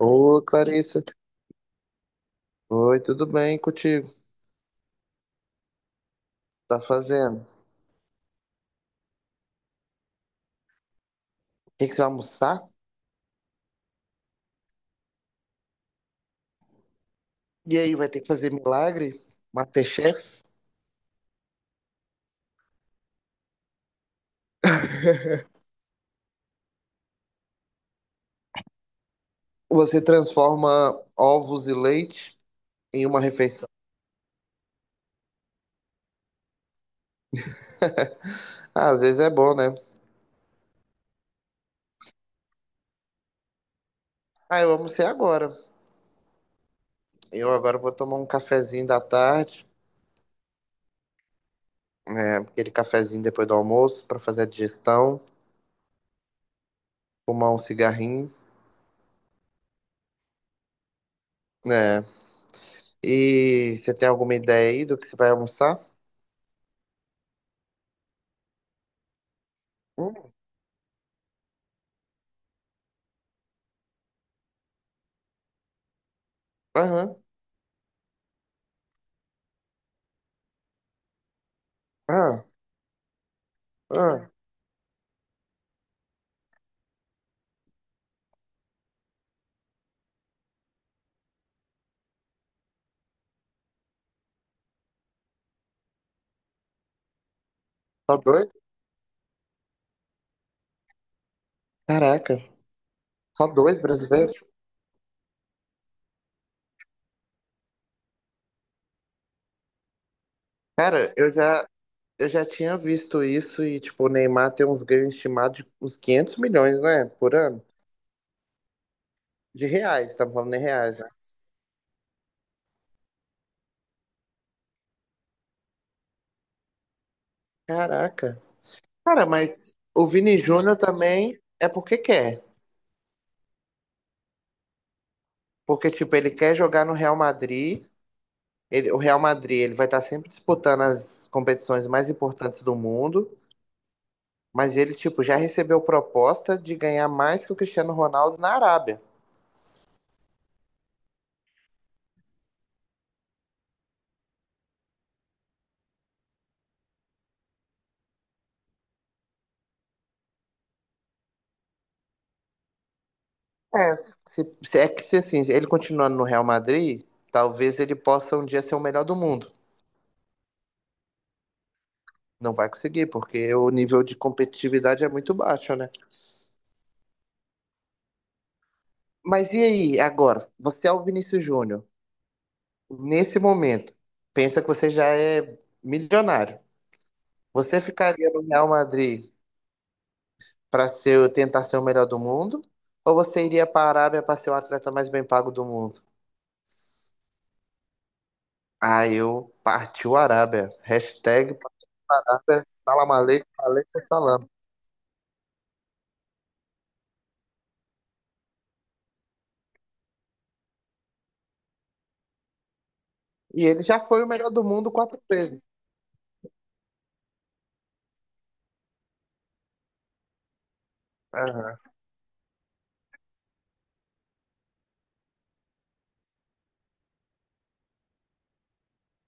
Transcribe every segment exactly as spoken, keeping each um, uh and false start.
Ô, Clarissa. Oi, tudo bem contigo? Tá fazendo? O que que você vai almoçar? E aí, vai ter que fazer milagre? MasterChef? Você transforma ovos e leite em uma refeição. Ah, às vezes é bom, né? Ah, eu almocei agora. Eu agora vou tomar um cafezinho da tarde, né? Aquele cafezinho depois do almoço pra fazer a digestão, fumar um cigarrinho, né? E você tem alguma ideia aí do que você vai almoçar? Hum, aham. Ah, ah. Tá doido? Caraca. Só dois brasileiros? Cara, eu já, eu já tinha visto isso e, tipo, o Neymar tem uns ganhos estimados de uns quinhentos milhões, né? Por ano. De reais, tá falando em reais, né? Caraca. Cara, mas o Vini Júnior também é porque quer. Porque, tipo, ele quer jogar no Real Madrid. Ele, o Real Madrid, ele vai estar sempre disputando as competições mais importantes do mundo. Mas ele, tipo, já recebeu proposta de ganhar mais que o Cristiano Ronaldo na Arábia. É, se, se- é que se assim, ele continuando no Real Madrid, talvez ele possa um dia ser o melhor do mundo. Não vai conseguir, porque o nível de competitividade é muito baixo, né? Mas e aí, agora? Você é o Vinícius Júnior. Nesse momento, pensa que você já é milionário. Você ficaria no Real Madrid para ser, tentar ser o melhor do mundo? Ou você iria para a Arábia para ser o atleta mais bem pago do mundo? Ah, eu partiu Arábia. Hashtag Arábia, salam aleikum, aleikum salam. E ele já foi o melhor do mundo quatro vezes. Aham.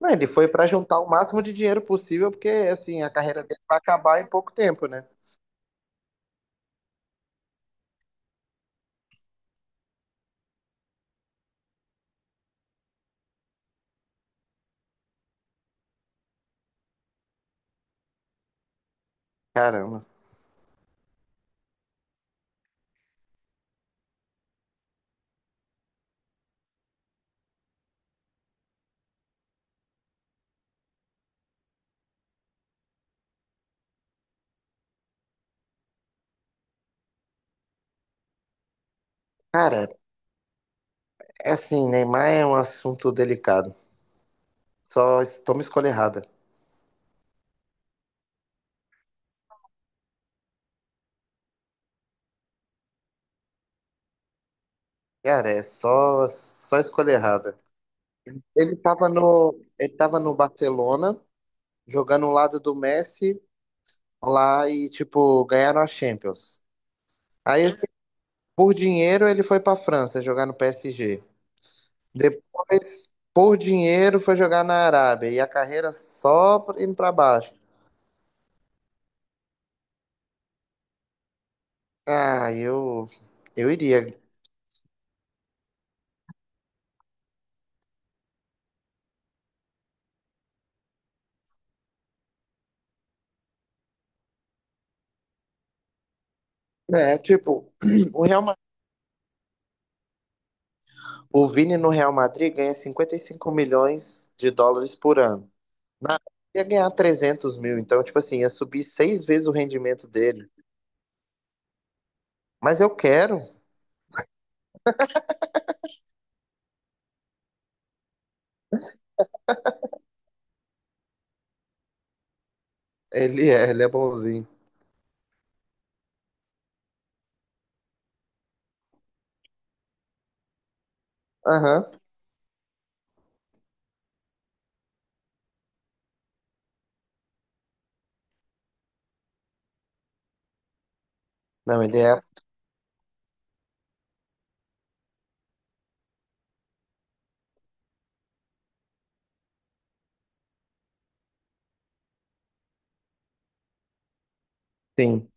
Não, ele foi pra juntar o máximo de dinheiro possível, porque assim, a carreira dele vai acabar em pouco tempo, né? Caramba. Cara, é assim, Neymar é um assunto delicado. Só es- toma escolha errada. Cara, é só, só escolha errada. Ele tava no, ele tava no Barcelona, jogando ao lado do Messi lá e, tipo, ganharam a Champions. Aí, assim, por dinheiro, ele foi pra França jogar no P S G. Depois, por dinheiro, foi jogar na Arábia. E a carreira só pra- indo pra baixo. Ah, eu, eu iria. É, tipo, o Real, Ma- o Vini no Real Madrid ganha cinquenta e cinco milhões de dólares por ano. Na ia ganhar trezentos mil, então, tipo assim, ia subir seis vezes o rendimento dele. Mas eu quero. Ele é, ele é bonzinho. Aham. Não, ele é, sim.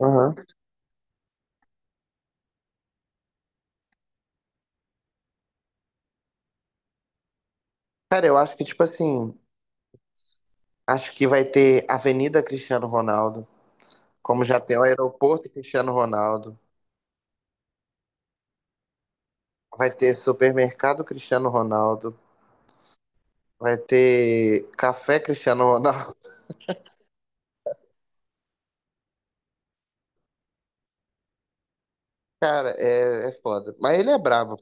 Aham. Cara, eu acho que, tipo assim, acho que vai ter Avenida Cristiano Ronaldo. Como já tem o aeroporto Cristiano Ronaldo, vai ter supermercado Cristiano Ronaldo, vai ter café Cristiano Ronaldo. Cara, é, é foda. Mas ele é brabo.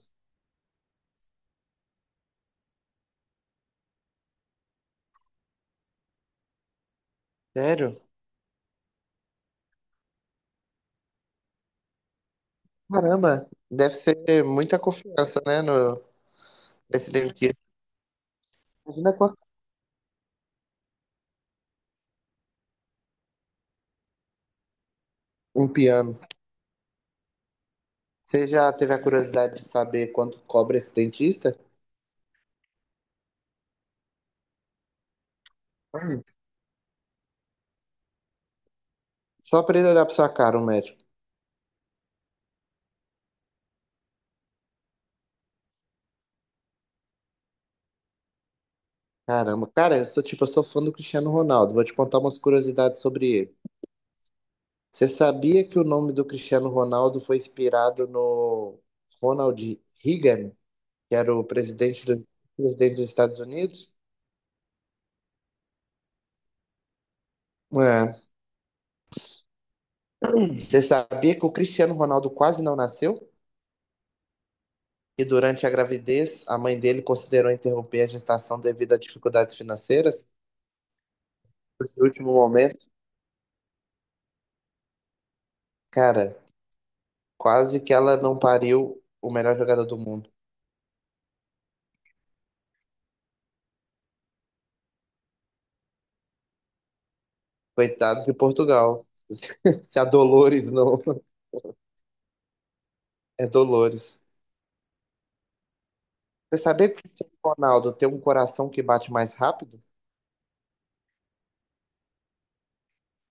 Sério? Caramba, deve ser muita confiança, né, no, nesse dentista. Imagina quanto um piano. Você já teve a curiosidade de saber quanto cobra esse dentista? Só pra ele olhar pra sua cara, um médico. Caramba, cara, eu sou tipo, eu sou fã do Cristiano Ronaldo. Vou te contar umas curiosidades sobre ele. Você sabia que o nome do Cristiano Ronaldo foi inspirado no Ronald Reagan, que era o presidente, do, presidente dos Estados Unidos? É. Você sabia que o Cristiano Ronaldo quase não nasceu? E durante a gravidez, a mãe dele considerou interromper a gestação devido a dificuldades financeiras? No último momento, cara, quase que ela não pariu o melhor jogador do mundo. Coitado de Portugal. Se a Dolores não. É Dolores. Você sabia que o Cristiano Ronaldo tem um coração que bate mais rápido?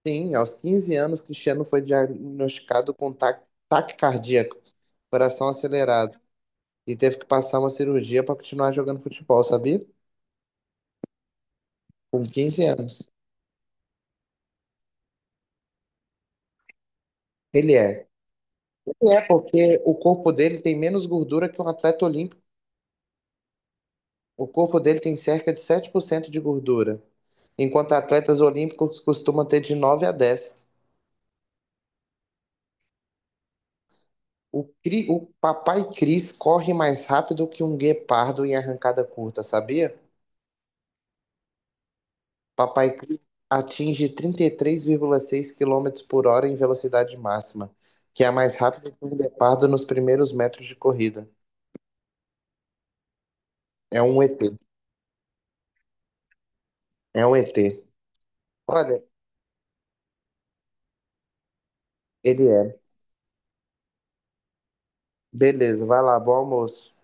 Sim, aos quinze anos, Cristiano foi diagnosticado com ta- taque cardíaco, coração acelerado, e teve que passar uma cirurgia para continuar jogando futebol, sabia? Com quinze anos. Ele é. Ele é porque o corpo dele tem menos gordura que um atleta olímpico. O corpo dele tem cerca de sete por cento de gordura, enquanto atletas olímpicos costumam ter de nove a dez. O, Cri- o Papai Cris corre mais rápido que um guepardo em arrancada curta, sabia? Papai Cris atinge trinta e três vírgula seis quilômetros por hora em velocidade máxima, que é mais rápido que um guepardo nos primeiros metros de corrida. É um E T. É um E T. Olha, ele é. Beleza, vai lá, bom almoço.